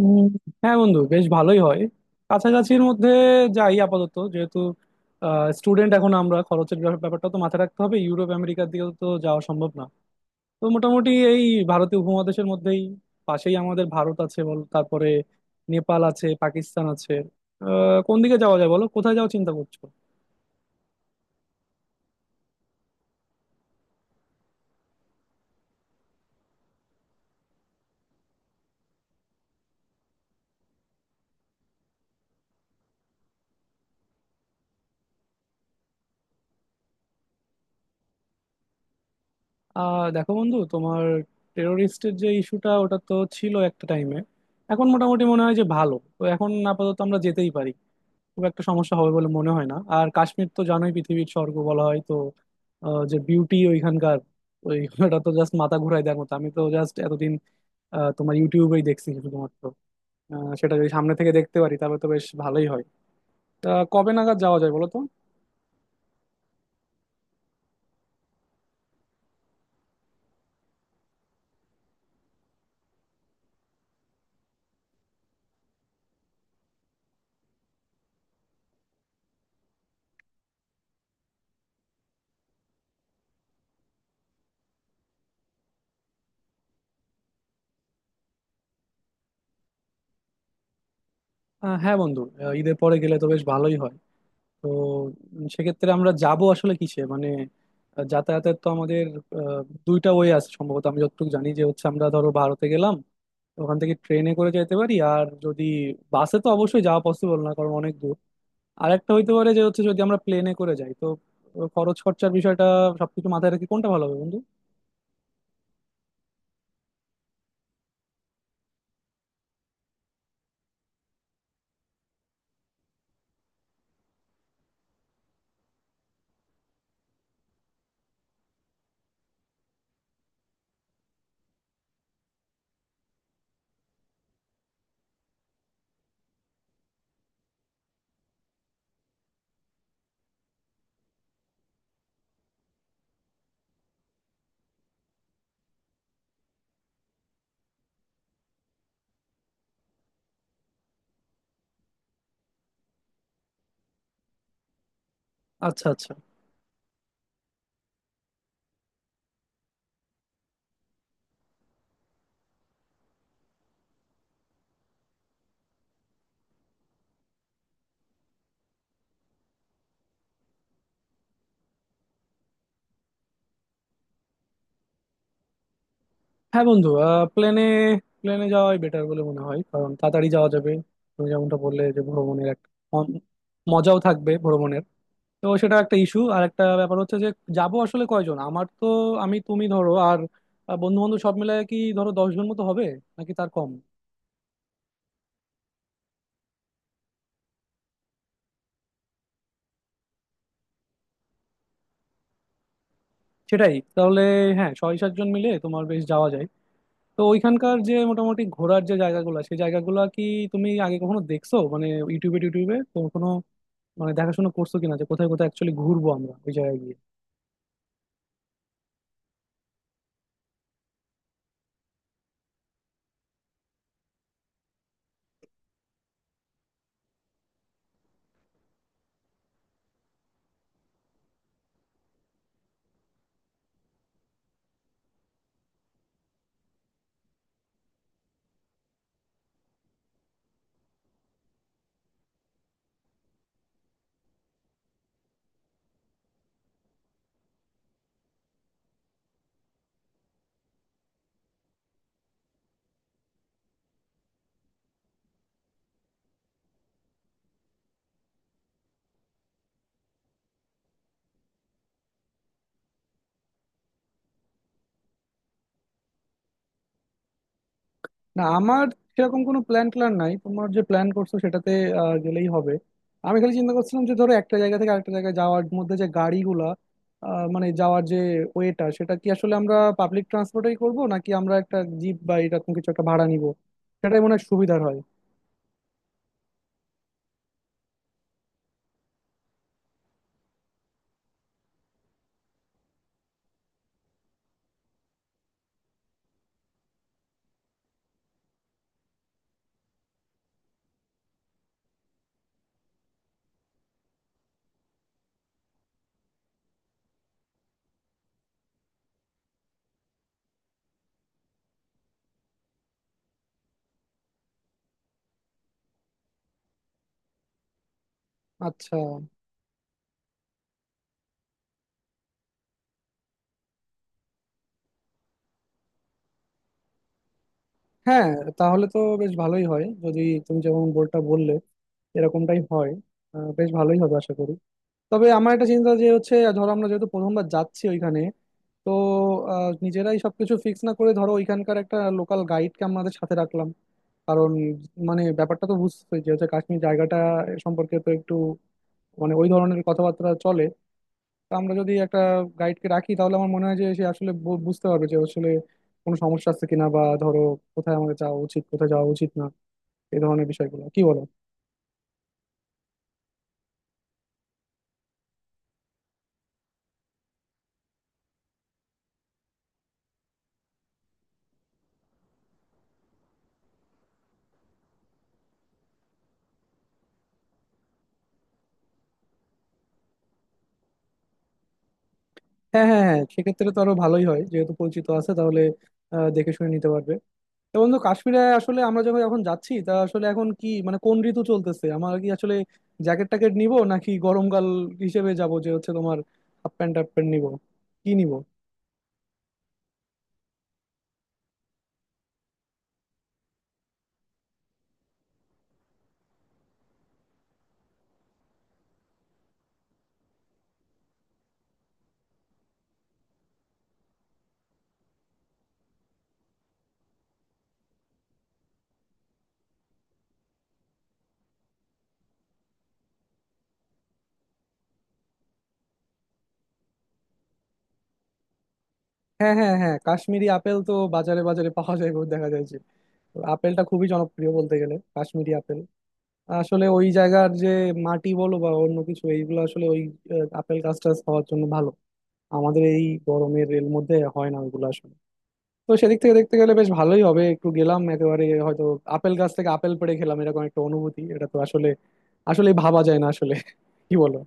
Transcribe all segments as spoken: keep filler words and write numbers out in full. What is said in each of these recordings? উম, হ্যাঁ বন্ধু, বেশ ভালোই হয়। কাছাকাছির মধ্যে যাই আপাতত, যেহেতু স্টুডেন্ট এখন আমরা, খরচের ব্যাপ- ব্যাপারটা তো মাথায় রাখতে হবে। ইউরোপ আমেরিকার দিকে তো যাওয়া সম্ভব না, তো মোটামুটি এই ভারতীয় উপমহাদেশের মধ্যেই। পাশেই আমাদের ভারত আছে বল, তারপরে নেপাল আছে, পাকিস্তান আছে। আহ, কোন দিকে যাওয়া যায় বলো, কোথায় যাওয়ার চিন্তা করছো? আহ দেখো বন্ধু, তোমার টেরোরিস্টের যে ইস্যুটা, ওটা তো ছিল একটা টাইমে। এখন মোটামুটি মনে হয় যে ভালো, তো এখন আপাতত আমরা যেতেই পারি। খুব একটা সমস্যা হবে বলে মনে হয় না। আর কাশ্মীর তো জানোই, পৃথিবীর স্বর্গ বলা হয় তো। আহ, যে বিউটি ওইখানকার, ওই ওটা তো জাস্ট মাথা ঘুরাই দেওয়ার মতো। আমি তো জাস্ট এতদিন আহ, তোমার ইউটিউবেই দেখছি শুধুমাত্র। আহ, সেটা যদি সামনে থেকে দেখতে পারি তাহলে তো বেশ ভালোই হয়। তা কবে নাগাদ যাওয়া যায় বলো তো? আহ, হ্যাঁ বন্ধু, আহ, ঈদের পরে গেলে তো বেশ ভালোই হয়। তো উম, সেক্ষেত্রে আমরা যাব আসলে কিসে, মানে আহ, যাতায়াতের তো আমাদের আহ, দুইটা ওয়ে আছে সম্ভবত, আমি যতটুকু জানি যে হচ্ছে আমরা ধরো ভারতে গেলাম, ওখান থেকে ট্রেনে করে যেতে পারি। আর যদি বাসে, তো অবশ্যই যাওয়া পসিবল না, কারণ অনেক দূর। আর একটা হইতে পারে যে হচ্ছে, যদি আমরা প্লেনে করে যাই। তো আহ, খরচ খরচার বিষয়টা, সবকিছু মাথায় রেখে কোনটা ভালো হবে বন্ধু? আচ্ছা আচ্ছা। হ্যাঁ বন্ধু, প্লেনে, প্লেনে যাওয়াই বেটার বলে মনে হয়, কারণ তাড়াতাড়ি যাওয়া যাবে। তুমি যেমনটা বললে যে ভ্রমণের একটা অন- মজাও থাকবে ভ্রমণের, তো সেটা একটা ইস্যু। আর একটা ব্যাপার হচ্ছে যে যাব আসলে কয়জন? আমার তো আমি তুমি ধরো আর বন্ধু বান্ধব সব মিলে কি ধরো দশ জন মতো হবে, নাকি তার কম? সেটাই তাহলে। হ্যাঁ, ছয় সাতজন মিলে তোমার বেশ যাওয়া যায়। তো ওইখানকার যে মোটামুটি ঘোরার যে জায়গাগুলো, সেই জায়গাগুলো কি তুমি আগে কখনো দেখছো মানে ইউটিউবে টিউটিউবে তো, কোনো মানে দেখাশোনা করছো কিনা যে কোথায় কোথায় অ্যাকচুয়ালি ঘুরবো আমরা ওই জায়গায় গিয়ে? না, আমার সেরকম কোনো প্ল্যান ট্যান নাই, তোমার যে প্ল্যান করছো সেটাতে আহ, গেলেই হবে। আমি খালি চিন্তা করছিলাম যে ধরো একটা জায়গা থেকে আরেকটা জায়গায় যাওয়ার মধ্যে যে গাড়িগুলা, আহ, মানে যাওয়ার যে ওয়েটা, সেটা কি আসলে আমরা পাবলিক ট্রান্সপোর্টেই করব, নাকি আমরা একটা জিপ বা এরকম কিছু একটা ভাড়া নিব? সেটাই মনে হয় সুবিধার হয়। আচ্ছা। হ্যাঁ, তাহলে তো বেশ ভালোই হয় যদি তুমি যেমন বলটা বললে এরকমটাই হয়। আহ, বেশ ভালোই হবে আশা করি। তবে আমার একটা চিন্তা যে হচ্ছে, ধরো আমরা যেহেতু প্রথমবার যাচ্ছি ওইখানে, তো আহ, নিজেরাই সবকিছু ফিক্স না করে ধরো ওইখানকার একটা লোকাল গাইডকে আমাদের সাথে রাখলাম। কারণ মানে ব্যাপারটা তো বুঝতে, যে হচ্ছে কাশ্মীর জায়গাটা সম্পর্কে তো একটু মানে ওই ধরনের কথাবার্তা চলে। তো আমরা যদি একটা গাইডকে রাখি তাহলে আমার মনে হয় যে সে আসলে বু- বুঝতে পারবে যে আসলে কোনো সমস্যা আছে কিনা, বা ধরো কোথায় আমাদের যাওয়া উচিত কোথায় যাওয়া উচিত না, এই ধরনের বিষয়গুলো, কি বলো? হ্যাঁ হ্যাঁ হ্যাঁ, সেক্ষেত্রে তো আরো ভালোই হয়, যেহেতু পরিচিত আছে তাহলে আহ, দেখে শুনে নিতে পারবে। তো বন্ধু কাশ্মীরে আসলে আমরা যখন এখন যাচ্ছি, তা আসলে এখন কি মানে কোন ঋতু চলতেছে? আমরা কি আসলে জ্যাকেট ট্যাকেট নিব, নাকি গরমকাল হিসেবে যাব যে হচ্ছে তোমার হাফ প্যান্ট হাফ প্যান্ট নিবো, কি নিব? হ্যাঁ হ্যাঁ হ্যাঁ, কাশ্মীরি আপেল তো বাজারে বাজারে পাওয়া যায় গো, দেখা যায় যে। তো আপেলটা খুবই জনপ্রিয় বলতে গেলে, কাশ্মীরি আপেল। আসলে ওই জায়গার যে মাটি বলো বা অন্য কিছু, এইগুলো আসলে ওই আহ, আপেল গাছ টাছ হওয়ার জন্য ভালো। আমাদের এই গরমের রেল মধ্যে হয় না ওইগুলো আসলে। তো সেদিক থেকে দেখতে গেলে বেশ ভালোই হবে, একটু গেলাম, একেবারে হয়তো আপেল গাছ থেকে আপেল পেড়ে খেলাম, এরকম একটা অনুভূতি, এটা তো আসলে আসলে ভাবা যায় না আসলে, কি বলো?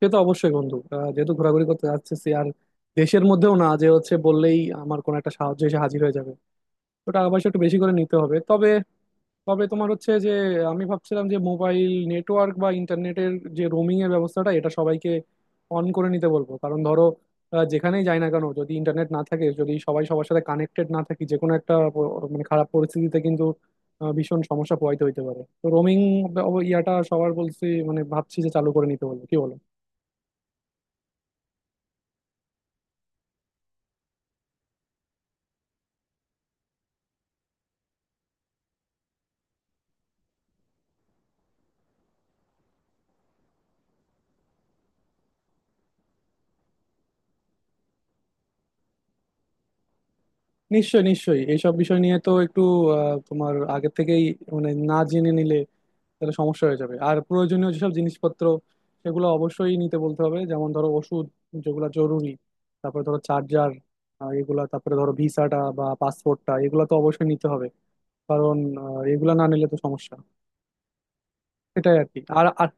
সে তো অবশ্যই বন্ধু, আহ, যেহেতু ঘোরাঘুরি করতে যাচ্ছি আর দেশের মধ্যেও না যে হচ্ছে বললেই আমার কোনো একটা সাহায্য এসে হাজির হয়ে যাবে, তো টাকা পয়সা একটু বেশি করে নিতে হবে তবে। তবে তোমার হচ্ছে যে, আমি ভাবছিলাম যে মোবাইল নেটওয়ার্ক বা ইন্টারনেটের যে রোমিং এর ব্যবস্থাটা, এটা সবাইকে অন করে নিতে বলবো। কারণ ধরো আহ, যেখানেই যাই না কেন যদি ইন্টারনেট না থাকে, যদি সবাই সবার সাথে কানেক্টেড না থাকি, যে কোনো একটা প- মানে খারাপ পরিস্থিতিতে কিন্তু আহ, ভীষণ সমস্যা পোহাইতে হইতে পারে। তো রোমিং ইয়াটা সবার বলছি, মানে ভাবছি যে চালু করে নিতে বলবো, কি বলো? নিশ্চয়ই নিশ্চয়ই, এইসব বিষয় নিয়ে তো একটু আহ, তোমার আগের থেকেই মানে না জেনে নিলে তাহলে সমস্যা হয়ে যাবে। আর প্রয়োজনীয় যেসব জিনিসপত্র সেগুলো অবশ্যই নিতে বলতে হবে, যেমন ধরো ওষুধ, যেগুলো জরুরি, তারপরে ধরো চার্জার এগুলা, তারপরে ধরো ভিসাটা বা পাসপোর্টটা, এগুলো তো অবশ্যই নিতে হবে। কারণ আহ, এগুলা না নিলে তো সমস্যা। এটাই আর কি। আর আর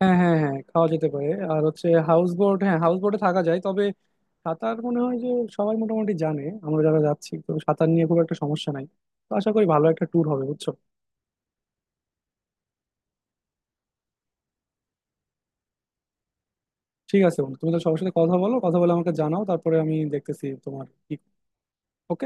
হ্যাঁ হ্যাঁ হ্যাঁ, খাওয়া যেতে পারে। আর হচ্ছে হাউস বোট, হ্যাঁ হাউস বোটে থাকা যায়। তবে সাঁতার মনে হয় যে সবাই মোটামুটি জানে আমরা যারা যাচ্ছি, তো সাঁতার নিয়ে খুব একটা সমস্যা নাই। তো আশা করি ভালো একটা ট্যুর হবে, বুঝছো? ঠিক আছে বন্ধু, তুমি তাহলে সবার সাথে কথা বলো, কথা বলে আমাকে জানাও, তারপরে আমি দেখতেছি তোমার কি। ওকে।